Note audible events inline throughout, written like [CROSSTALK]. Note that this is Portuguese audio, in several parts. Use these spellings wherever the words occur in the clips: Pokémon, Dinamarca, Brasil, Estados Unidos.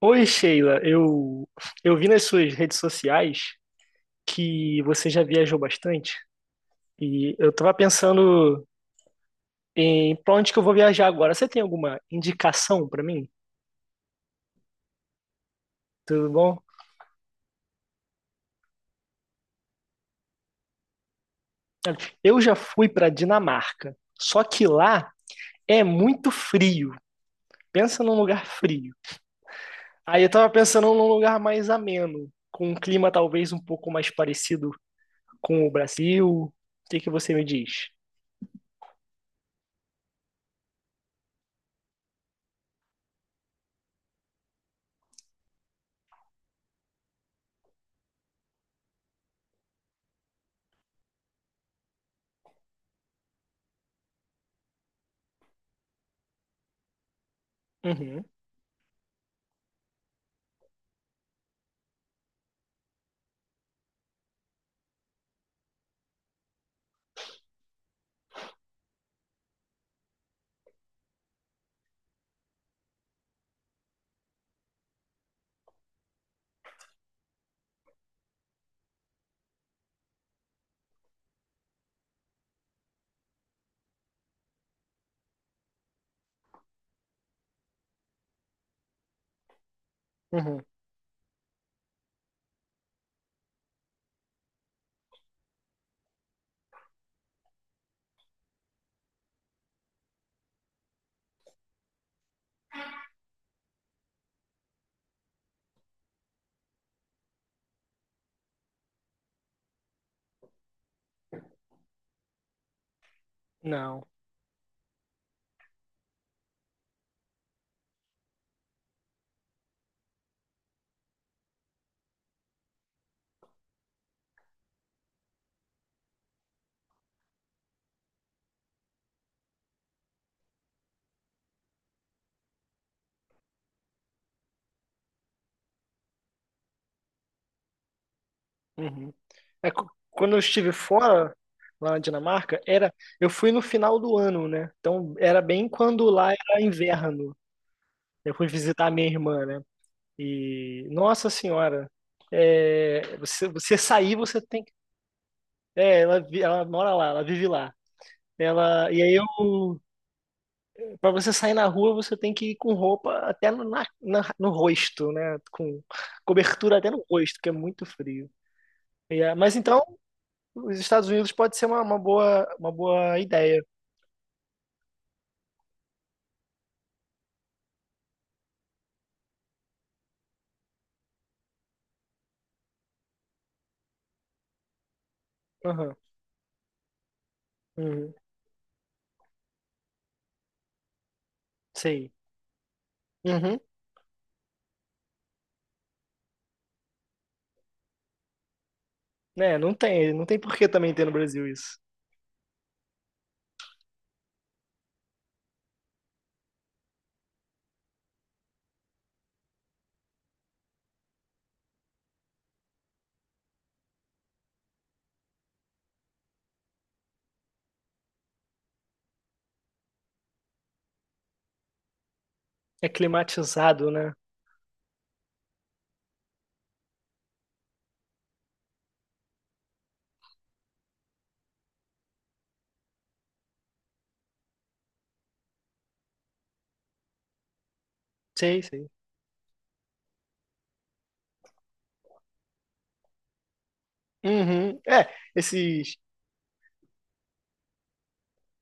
Oi, Sheila. Eu vi nas suas redes sociais que você já viajou bastante e eu tava pensando em pra onde que eu vou viajar agora. Você tem alguma indicação pra mim? Tudo bom? Eu já fui pra Dinamarca, só que lá é muito frio. Pensa num lugar frio. Aí eu tava pensando num lugar mais ameno, com um clima talvez um pouco mais parecido com o Brasil. O que que você me diz? Uhum, uhum. Não. Uhum. É, quando eu estive fora, lá na Dinamarca, eu fui no final do ano, né? Então era bem quando lá era inverno. Eu fui visitar a minha irmã, né? E, nossa senhora, você sair, você tem que. É, ela, ela mora lá, ela vive lá. Ela, e aí eu, para você sair na rua, você tem que ir com roupa até no rosto, né? Com cobertura até no rosto, porque é muito frio. E, mas então. Os Estados Unidos pode ser uma boa ideia. Aham. Uhum. Sei. Uhum. É, não tem por que também ter no Brasil isso. É climatizado, né? Sei, sei. Uhum. É, esses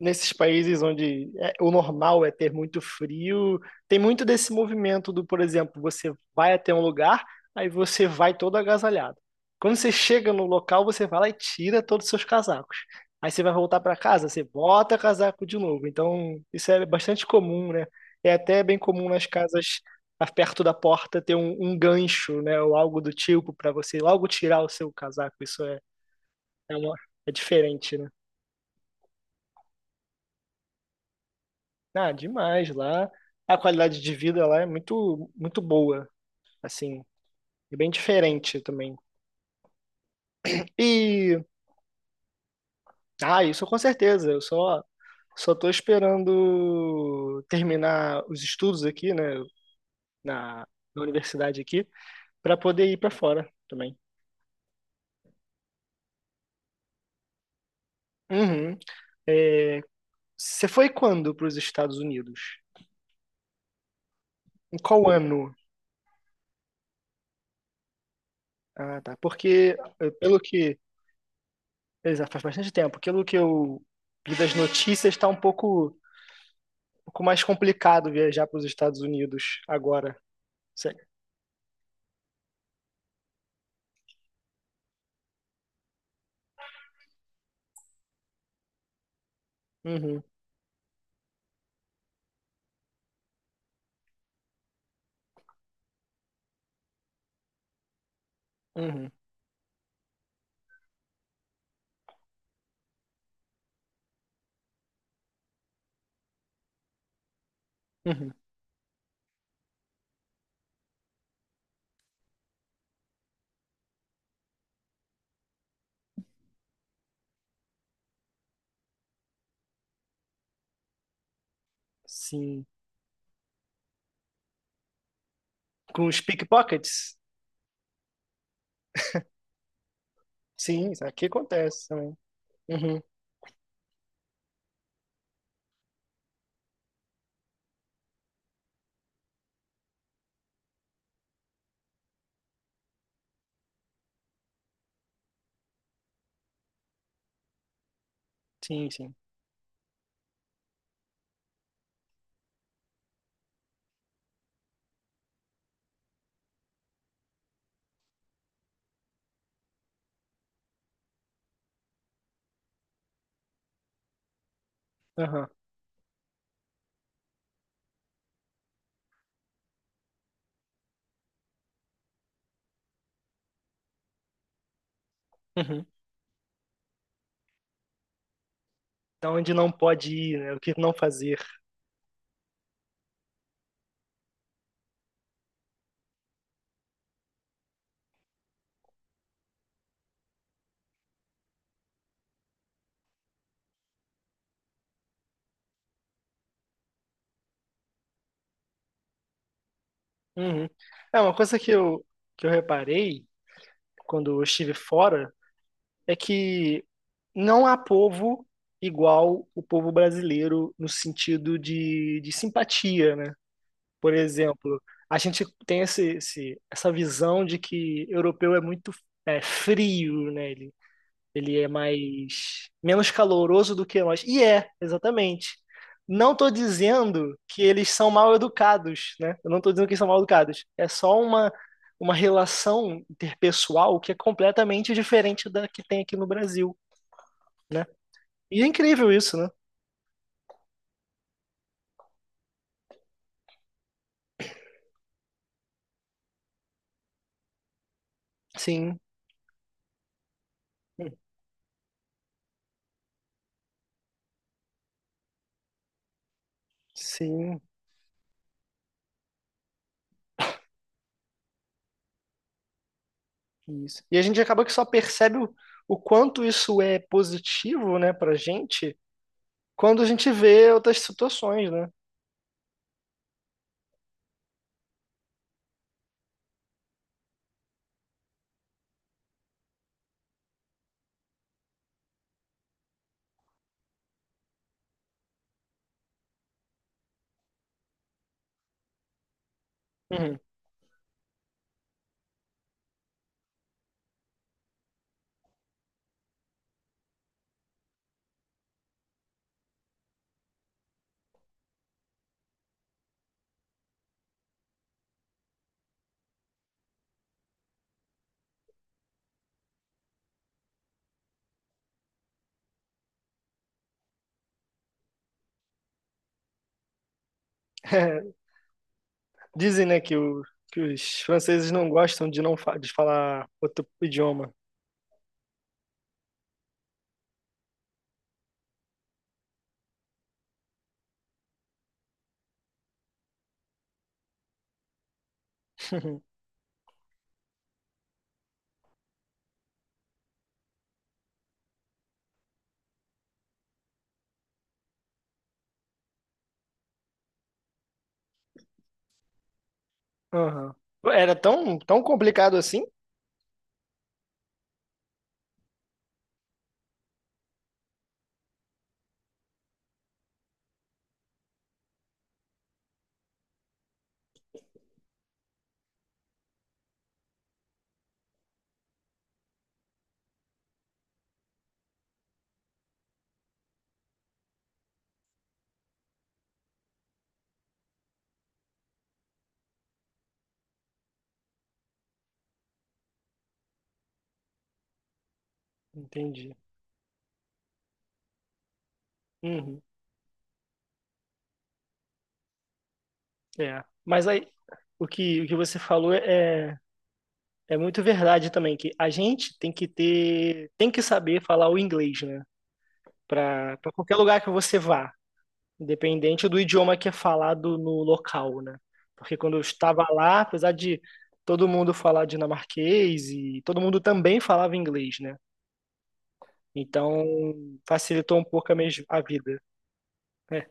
nesses países onde o normal é ter muito frio, tem muito desse movimento do, por exemplo, você vai até um lugar, aí você vai todo agasalhado. Quando você chega no local, você vai lá e tira todos os seus casacos. Aí você vai voltar para casa, você bota casaco de novo. Então, isso é bastante comum, né? É até bem comum nas casas perto da porta ter um gancho, né? Ou algo do tipo para você logo tirar o seu casaco. Isso é, uma- é diferente, né? Ah, demais lá. A qualidade de vida lá é muito, muito boa, assim, e bem diferente também. E, ah, isso com certeza. Eu só tô esperando terminar os estudos aqui, né, na, na universidade aqui, para poder ir para fora também. Uhum. É, você foi quando para os Estados Unidos? Em qual ano? Ah, tá. Porque, pelo que. Exato, faz bastante tempo. Pelo que eu vi das notícias, está um pouco mais complicado viajar para os Estados Unidos agora. Sim. Uhum, uhum, uhum. Sim. Com os pickpockets? Sim, isso aqui acontece também. Uhum, sim, sim. Aham, uhum. Então, onde não pode ir, né? O que não fazer. Uhum. É, uma coisa que eu reparei quando eu estive fora é que não há povo igual o povo brasileiro no sentido de simpatia, né? Por exemplo, a gente tem essa visão de que europeu é muito frio, né? Ele é mais menos caloroso do que nós. E exatamente. Não estou dizendo que eles são mal educados, né? Eu não estou dizendo que eles são mal educados. É só uma relação interpessoal que é completamente diferente da que tem aqui no Brasil, né? E é incrível isso, né? Sim, sim. Isso. E a gente acaba que só percebe o quanto isso é positivo, né, pra gente, quando a gente vê outras situações, né? Uhum. [LAUGHS] Dizem, né, que os franceses não gostam de não fa- de falar outro idioma. [LAUGHS] Aham. Era tão, tão complicado assim? Entendi. Uhum. É. Mas aí, o que você falou é muito verdade também, que a gente tem que saber falar o inglês, né? Para qualquer lugar que você vá. Independente do idioma que é falado no local, né? Porque quando eu estava lá, apesar de todo mundo falar dinamarquês e todo mundo também falava inglês, né? Então facilitou um pouco a vida. É.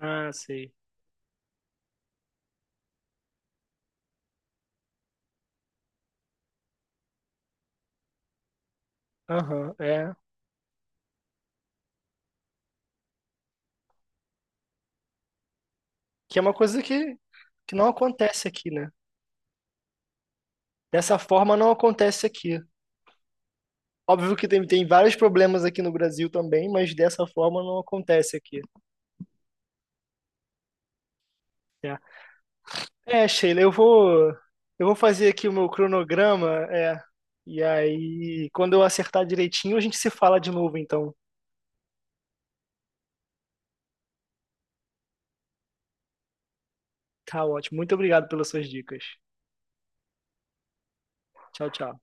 Ah, sei. Aham, é. Que é uma coisa que não acontece aqui, né? Dessa forma não acontece aqui. Óbvio que tem vários problemas aqui no Brasil também, mas dessa forma não acontece aqui. É É, Sheila, eu vou fazer aqui o meu cronograma. E aí, quando eu acertar direitinho, a gente se fala de novo, então. Tá ótimo. Muito obrigado pelas suas dicas. Tchau, tchau.